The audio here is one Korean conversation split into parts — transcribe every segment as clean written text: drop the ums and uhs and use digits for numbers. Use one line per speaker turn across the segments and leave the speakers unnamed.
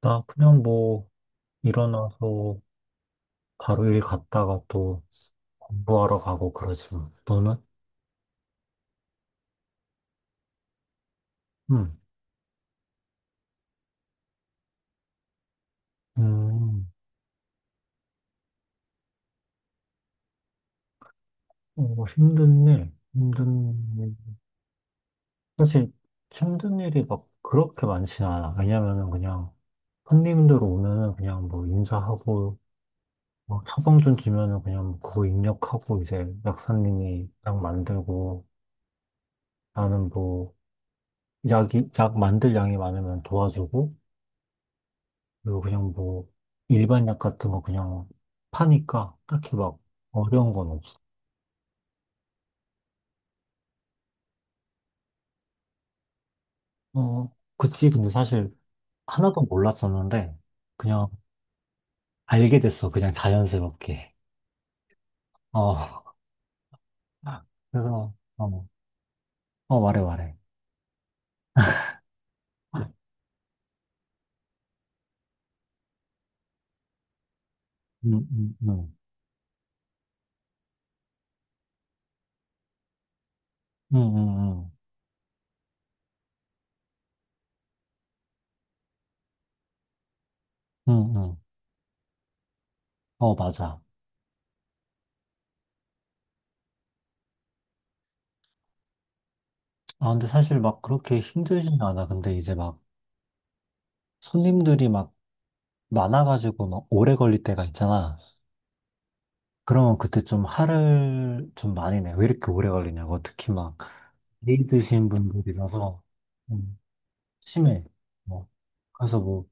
나 그냥 뭐 일어나서 바로 일 갔다가 또 공부하러 가고 그러지 뭐. 너는? 응. 음, 어, 힘든 일. 사실 힘든 일이 막 그렇게 많진 않아. 왜냐면은 그냥 손님들 오면은 그냥 뭐 인사하고 뭐 처방전 주면은 그냥 뭐 그거 입력하고 이제 약사님이 약 만들고 나는 뭐 약이 약 만들 양이 많으면 도와주고 그리고 그냥 뭐 일반 약 같은 거 그냥 파니까 딱히 막 어려운 건 없어. 어, 그치. 근데 사실 하나도 몰랐었는데 그냥 알게 됐어. 그냥 자연스럽게. 어, 그래서, 어, 어, 말해, 말해. 응, 응, 응, 응, 응, 응, 응. 어, 맞아. 아, 근데 사실 막 그렇게 힘들진 않아. 근데 이제 막 손님들이 막 많아가지고 막 오래 걸릴 때가 있잖아. 그러면 그때 좀 화를 좀 많이 내. 왜 이렇게 오래 걸리냐고. 특히 막, 나이 드신 분들이라서, 좀 심해. 뭐. 그래서 뭐,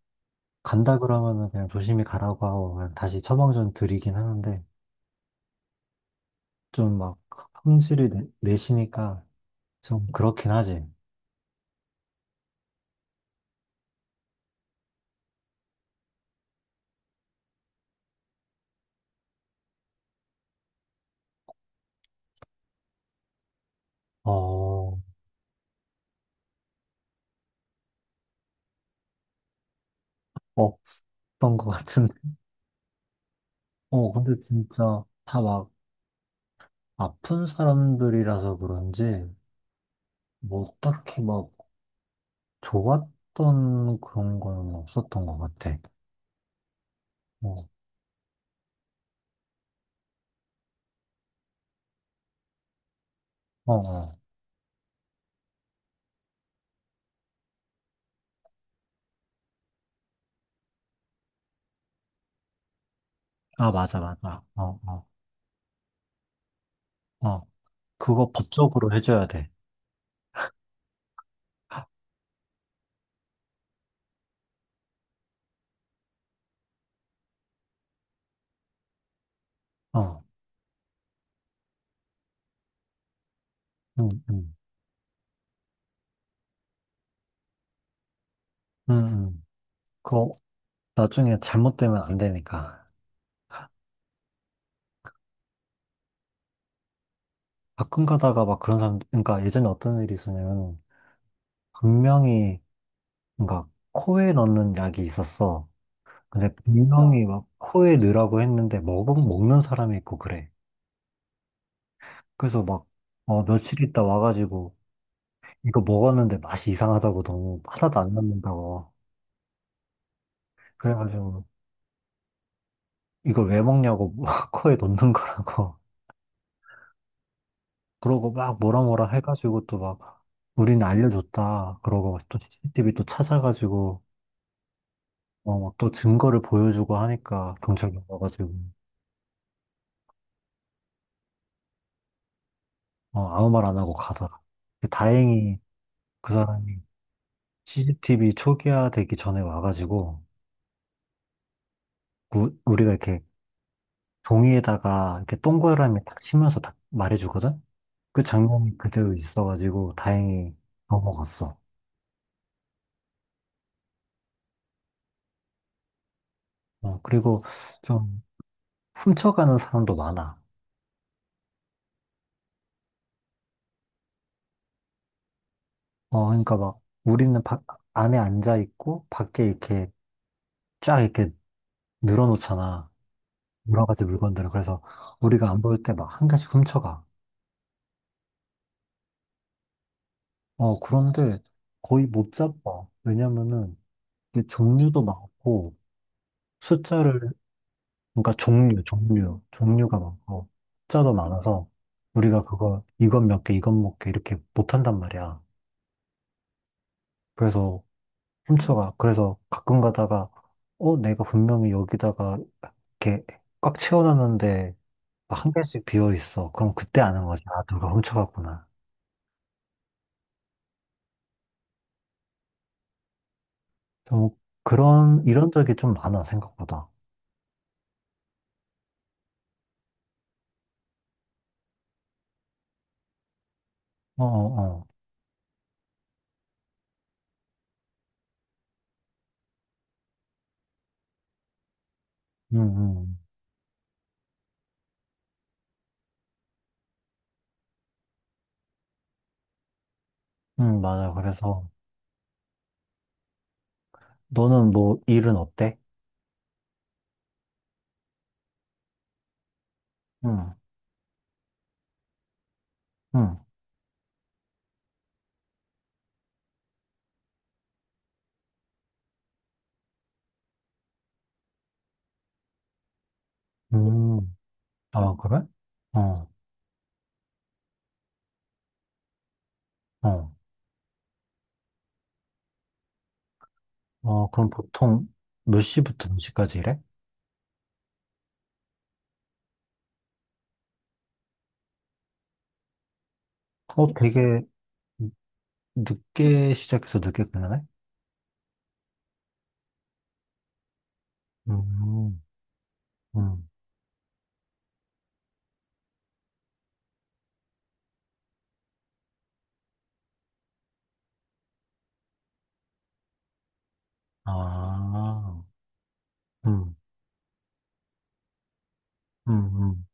간다 그러면은 그냥 조심히 가라고 하고, 그냥 다시 처방전 드리긴 하는데, 좀 막, 성질이 내시니까 좀 그렇긴 하지. 어, 없었던 것 같은데. 어, 근데 진짜 다 막, 아픈 사람들이라서 그런지, 뭐, 딱히 막, 좋았던 그런 거는 없었던 것 같아. 어, 어, 어. 아, 맞아, 맞아. 어, 어, 어. 그거 법적으로 해줘야 돼. 어, 응, 응, 응, 응. 그거 나중에 잘못되면 안 되니까. 가끔 가다가 막 그런 사람, 그러니까 예전에 어떤 일이 있었냐면, 분명히, 그러니까 코에 넣는 약이 있었어. 근데 분명히 막 코에 넣으라고 했는데, 먹는 사람이 있고 그래. 그래서 막, 어, 며칠 있다 와가지고, 이거 먹었는데 맛이 이상하다고 너무 하나도 안 남는다고. 그래가지고, 이걸 왜 먹냐고 막 코에 넣는 거라고 그러고 막 뭐라 뭐라 해가지고 또 막 우리는 알려줬다 그러고 또 CCTV 또 찾아가지고 어 막 또 증거를 보여주고 하니까 경찰관 와가지고 어 아무 말 안 하고 가더라. 근데 다행히 그 사람이 CCTV 초기화되기 전에 와가지고 우리가 이렇게 종이에다가 이렇게 동그라미 딱 치면서 딱 말해주거든. 그 장면이 그대로 있어가지고 다행히 넘어갔어. 어, 그리고 좀 훔쳐가는 사람도 많아. 어, 그러니까 막 안에 앉아 있고 밖에 이렇게 쫙 이렇게 늘어놓잖아. 여러 가지 물건들을. 그래서 우리가 안 볼 때 막 한 개씩 훔쳐가. 어, 그런데 거의 못 잡아. 왜냐면은 이게 종류도 많고 숫자를, 그러니까 종류가 많고 숫자도 많아서 우리가 그거 이건 몇 개, 이건 몇 개 이렇게 못 한단 말이야. 그래서 훔쳐가. 그래서 가끔 가다가 어, 내가 분명히 여기다가 이렇게 꽉 채워놨는데 막 한 개씩 비어 있어. 그럼 그때 아는 거지. 아, 누가 훔쳐갔구나. 좀 그런, 이런 적이 좀 많아, 생각보다. 어, 어, 어. 응, 응. 응, 맞아. 그래서 너는 뭐 일은 어때? 응, 응. 음, 아, 그래? 어, 어. 어, 그럼 보통 몇 시부터 몇 시까지 일해? 어, 되게 늦게 시작해서 늦게 끝나네? 음, 음. 아, 음, 음, 음.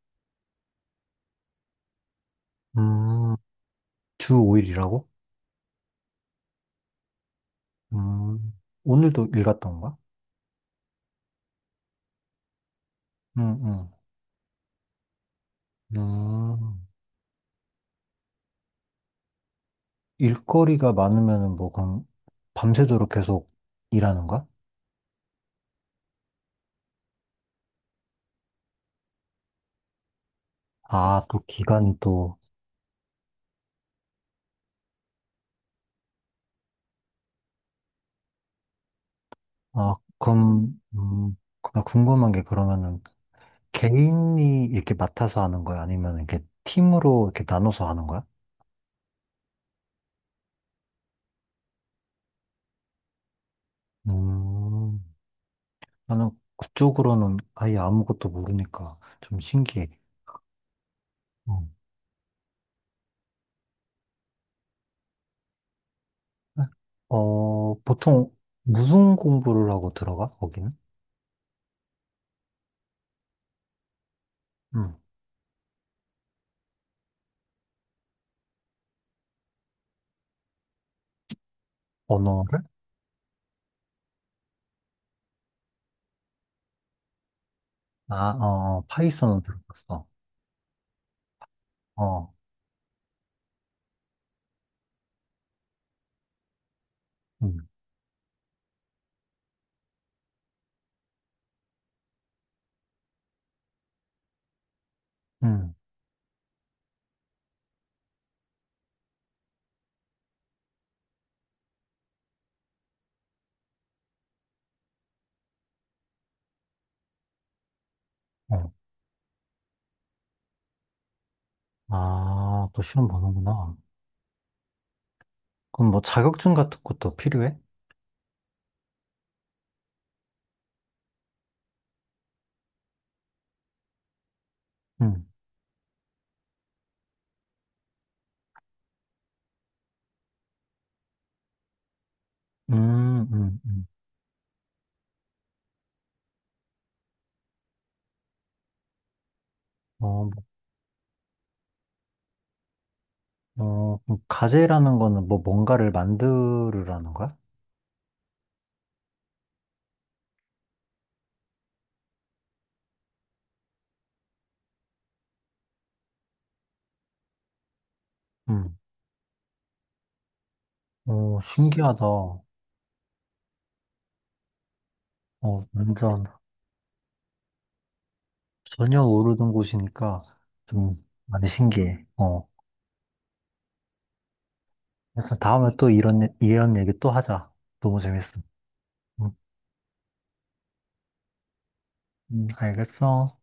음. 주 5일이라고? 음, 오늘도 일 갔다 온 거야? 응, 응. 음, 일거리가 많으면은 뭐, 그럼 밤새도록 계속 일하는 거야? 아, 또 기간이 또, 아, 그럼, 나 궁금한 게 그러면은 개인이 이렇게 맡아서 하는 거야? 아니면 이렇게 팀으로 이렇게 나눠서 하는 거야? 음, 나는 그쪽으로는 아예 아무것도 모르니까 좀 신기해. 음. 어, 보통 무슨 공부를 하고 들어가, 거기는? 음. 언어를? 아, 어, 파이썬은 들어갔어. 어, 음, 음, 어. 아, 또 시험 보는구나. 그럼 뭐 자격증 같은 것도 필요해? 음, 음, 음, 음. 어, 뭐, 어, 그럼 가제라는 거는 뭐 뭔가를 만들으라는 거야? 음, 어, 신기하다. 어, 완전 전혀 모르던 곳이니까 좀 많이 신기해. 어. 그래서 다음에 또 이런, 이런 얘기 또 하자. 너무 재밌어. 응, 응, 알겠어.